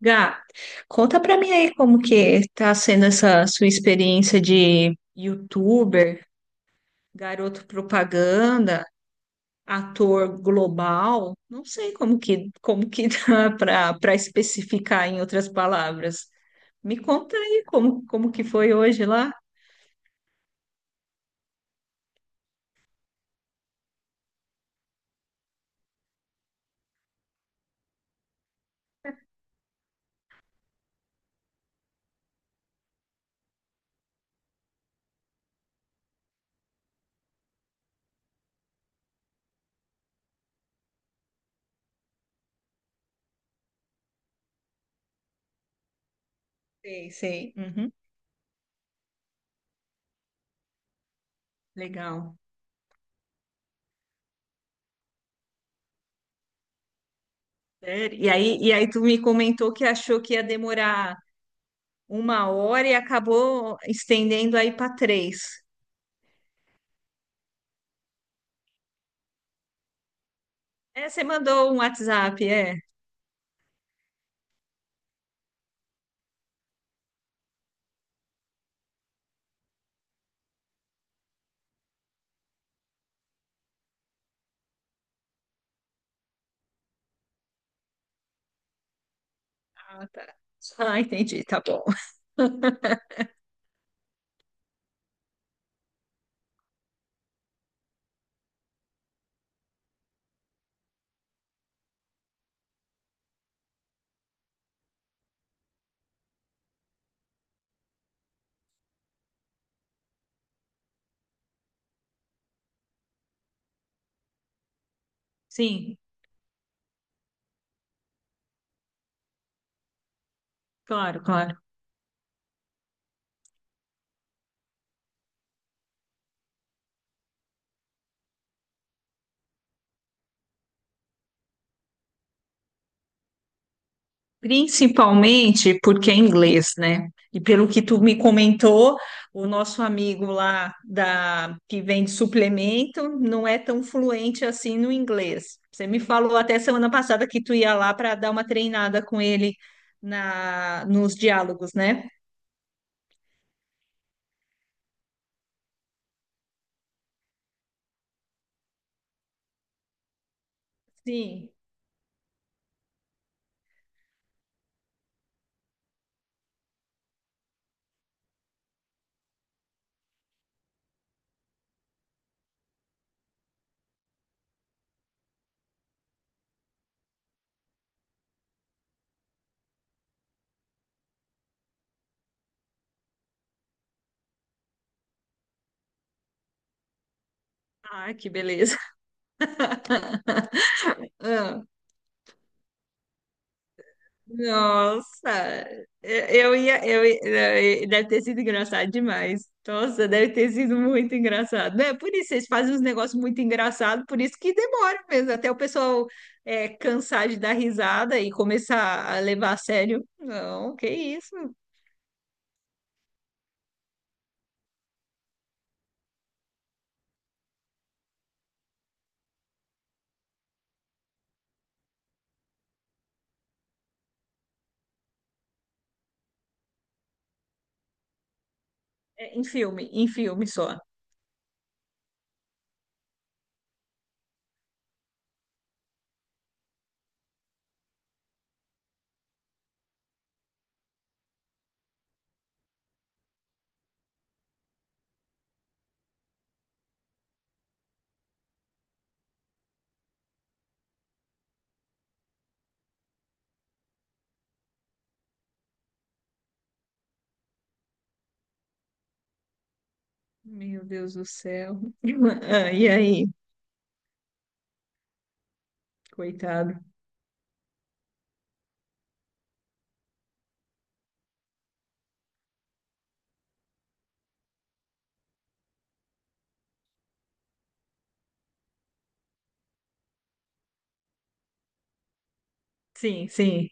Gá, conta pra mim aí como que tá sendo essa sua experiência de youtuber, garoto propaganda, ator global. Não sei como que dá pra para especificar em outras palavras. Me conta aí como que foi hoje lá? Sei, sei. Uhum, legal. Sério? E aí tu me comentou que achou que ia demorar uma hora e acabou estendendo aí para três. É, você mandou um WhatsApp, é? Ah, tá. Ah, entendi, tá bom. Sim, claro, claro. Principalmente porque é inglês, né? E pelo que tu me comentou, o nosso amigo lá da que vende suplemento não é tão fluente assim no inglês. Você me falou até semana passada que tu ia lá para dar uma treinada com ele na nos diálogos, né? Sim. Ah, que beleza. Ah, Nossa, eu ia, deve ter sido engraçado demais. Nossa, deve ter sido muito engraçado. É por isso, eles fazem uns negócios muito engraçados, por isso que demora mesmo, até o pessoal cansar de dar risada e começar a levar a sério. Não, que isso? É, em filme só. Meu Deus do céu. Ah, e aí? Coitado. Sim, sim.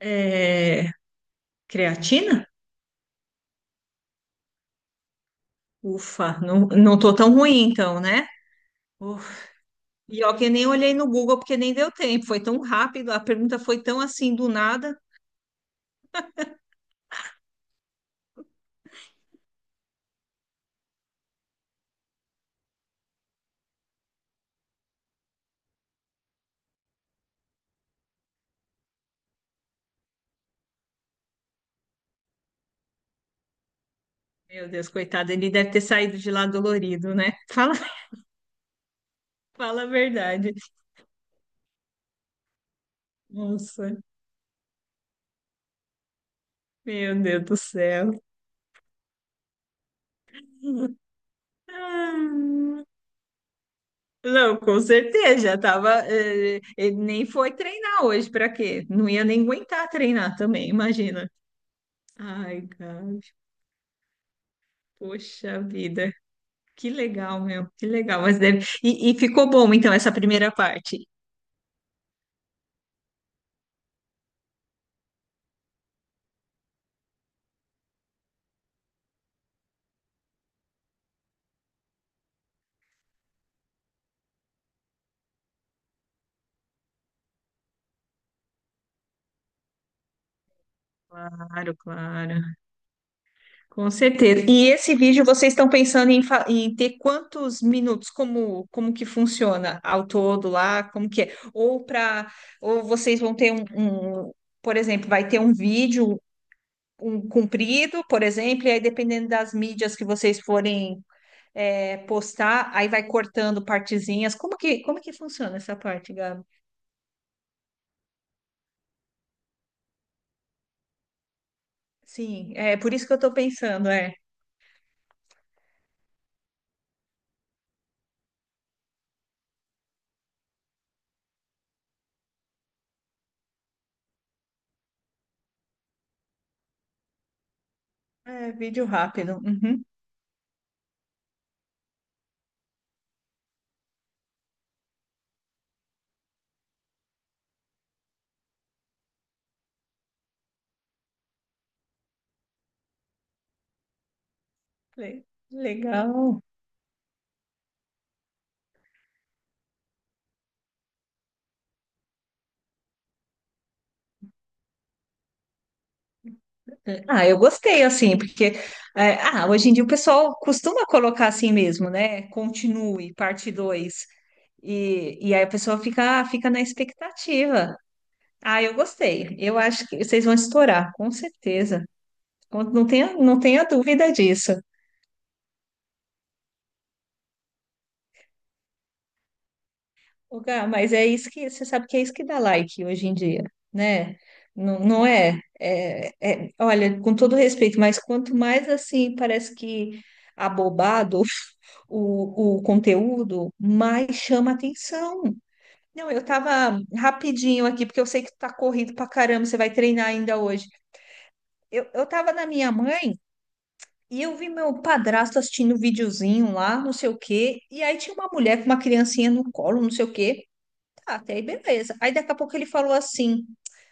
É, creatina? Ufa, não, não tô tão ruim então, né? E ó, que eu nem olhei no Google porque nem deu tempo. Foi tão rápido, a pergunta foi tão assim do nada. Meu Deus, coitado, ele deve ter saído de lá dolorido, né? Fala, fala a verdade. Nossa, meu Deus do céu. Ah, não, com certeza, já tava. Ele nem foi treinar hoje, pra quê? Não ia nem aguentar treinar também, imagina. Ai, cara, poxa vida. Que legal, meu, que legal. Mas deve, e ficou bom, então, essa primeira parte. Claro, claro. Com certeza. E esse vídeo vocês estão pensando em, em ter quantos minutos? Como, como que funciona ao todo lá? Como que é? Ou vocês vão ter um, por exemplo, vai ter um vídeo um comprido, por exemplo, e aí dependendo das mídias que vocês forem postar, aí vai cortando partezinhas. Como que funciona essa parte, Gabi? Sim, é por isso que eu estou pensando, é, é vídeo rápido. Uhum. Le- Legal. Ah, eu gostei, assim, porque é, ah, hoje em dia o pessoal costuma colocar assim mesmo, né? Continue, parte dois. E aí a pessoa fica, fica na expectativa. Ah, eu gostei. Eu acho que vocês vão estourar, com certeza. Não tenha, não tenha dúvida disso. Ô, Gá, mas é isso, que você sabe que é isso que dá like hoje em dia, né? Não, olha, com todo respeito, mas quanto mais assim parece que abobado o conteúdo, mais chama atenção. Não, eu tava rapidinho aqui, porque eu sei que tu tá corrido pra caramba, você vai treinar ainda hoje. Eu tava na minha mãe e eu vi meu padrasto assistindo um videozinho lá, não sei o quê, e aí tinha uma mulher com uma criancinha no colo, não sei o quê. Tá, até aí beleza. Aí daqui a pouco ele falou assim: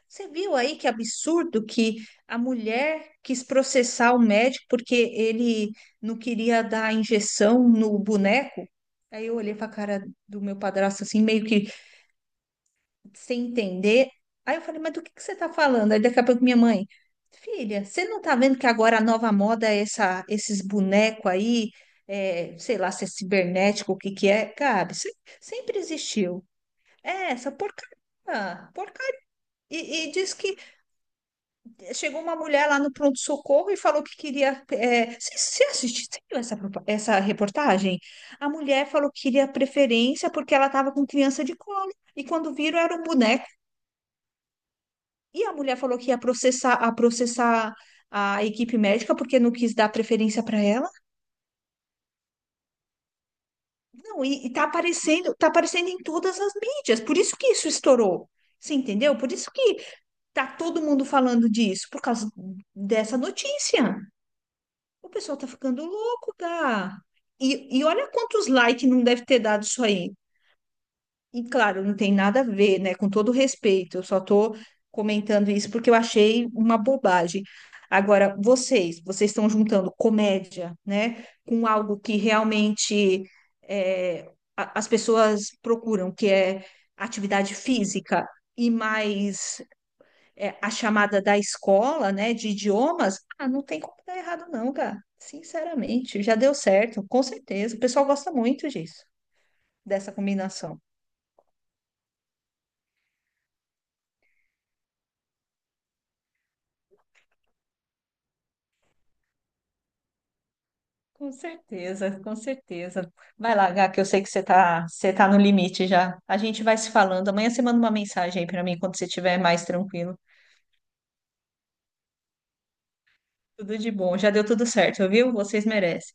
você viu aí que absurdo que a mulher quis processar o médico porque ele não queria dar injeção no boneco? Aí eu olhei para a cara do meu padrasto assim, meio que sem entender. Aí eu falei: mas do que você tá falando? Aí daqui a pouco minha mãe: filha, você não tá vendo que agora a nova moda é essa, esses bonecos aí? É, sei lá se é cibernético, o que que é? Gabi, se- sempre existiu. É, essa porcaria. Por E, e diz que chegou uma mulher lá no pronto-socorro e falou que queria. É, você viu essa, essa reportagem? A mulher falou que queria preferência porque ela estava com criança de colo. E quando viram, era um boneco. E a mulher falou que ia processar a equipe médica porque não quis dar preferência para ela. Não, e tá aparecendo em todas as mídias. Por isso que isso estourou. Você entendeu? Por isso que tá todo mundo falando disso, por causa dessa notícia. O pessoal tá ficando louco, cara. E olha quantos likes não deve ter dado isso aí. E claro, não tem nada a ver, né? Com todo respeito, eu só tô comentando isso porque eu achei uma bobagem. Agora, vocês estão juntando comédia, né? Com algo que realmente é, as pessoas procuram, que é atividade física e mais é, a chamada da escola, né, de idiomas, ah, não tem como dar errado não, cara. Sinceramente, já deu certo, com certeza. O pessoal gosta muito disso, dessa combinação. Com certeza, com certeza. Vai lá, Gá, que eu sei que você tá no limite já. A gente vai se falando. Amanhã você manda uma mensagem aí pra mim quando você estiver mais tranquilo. Tudo de bom. Já deu tudo certo, viu? Vocês merecem.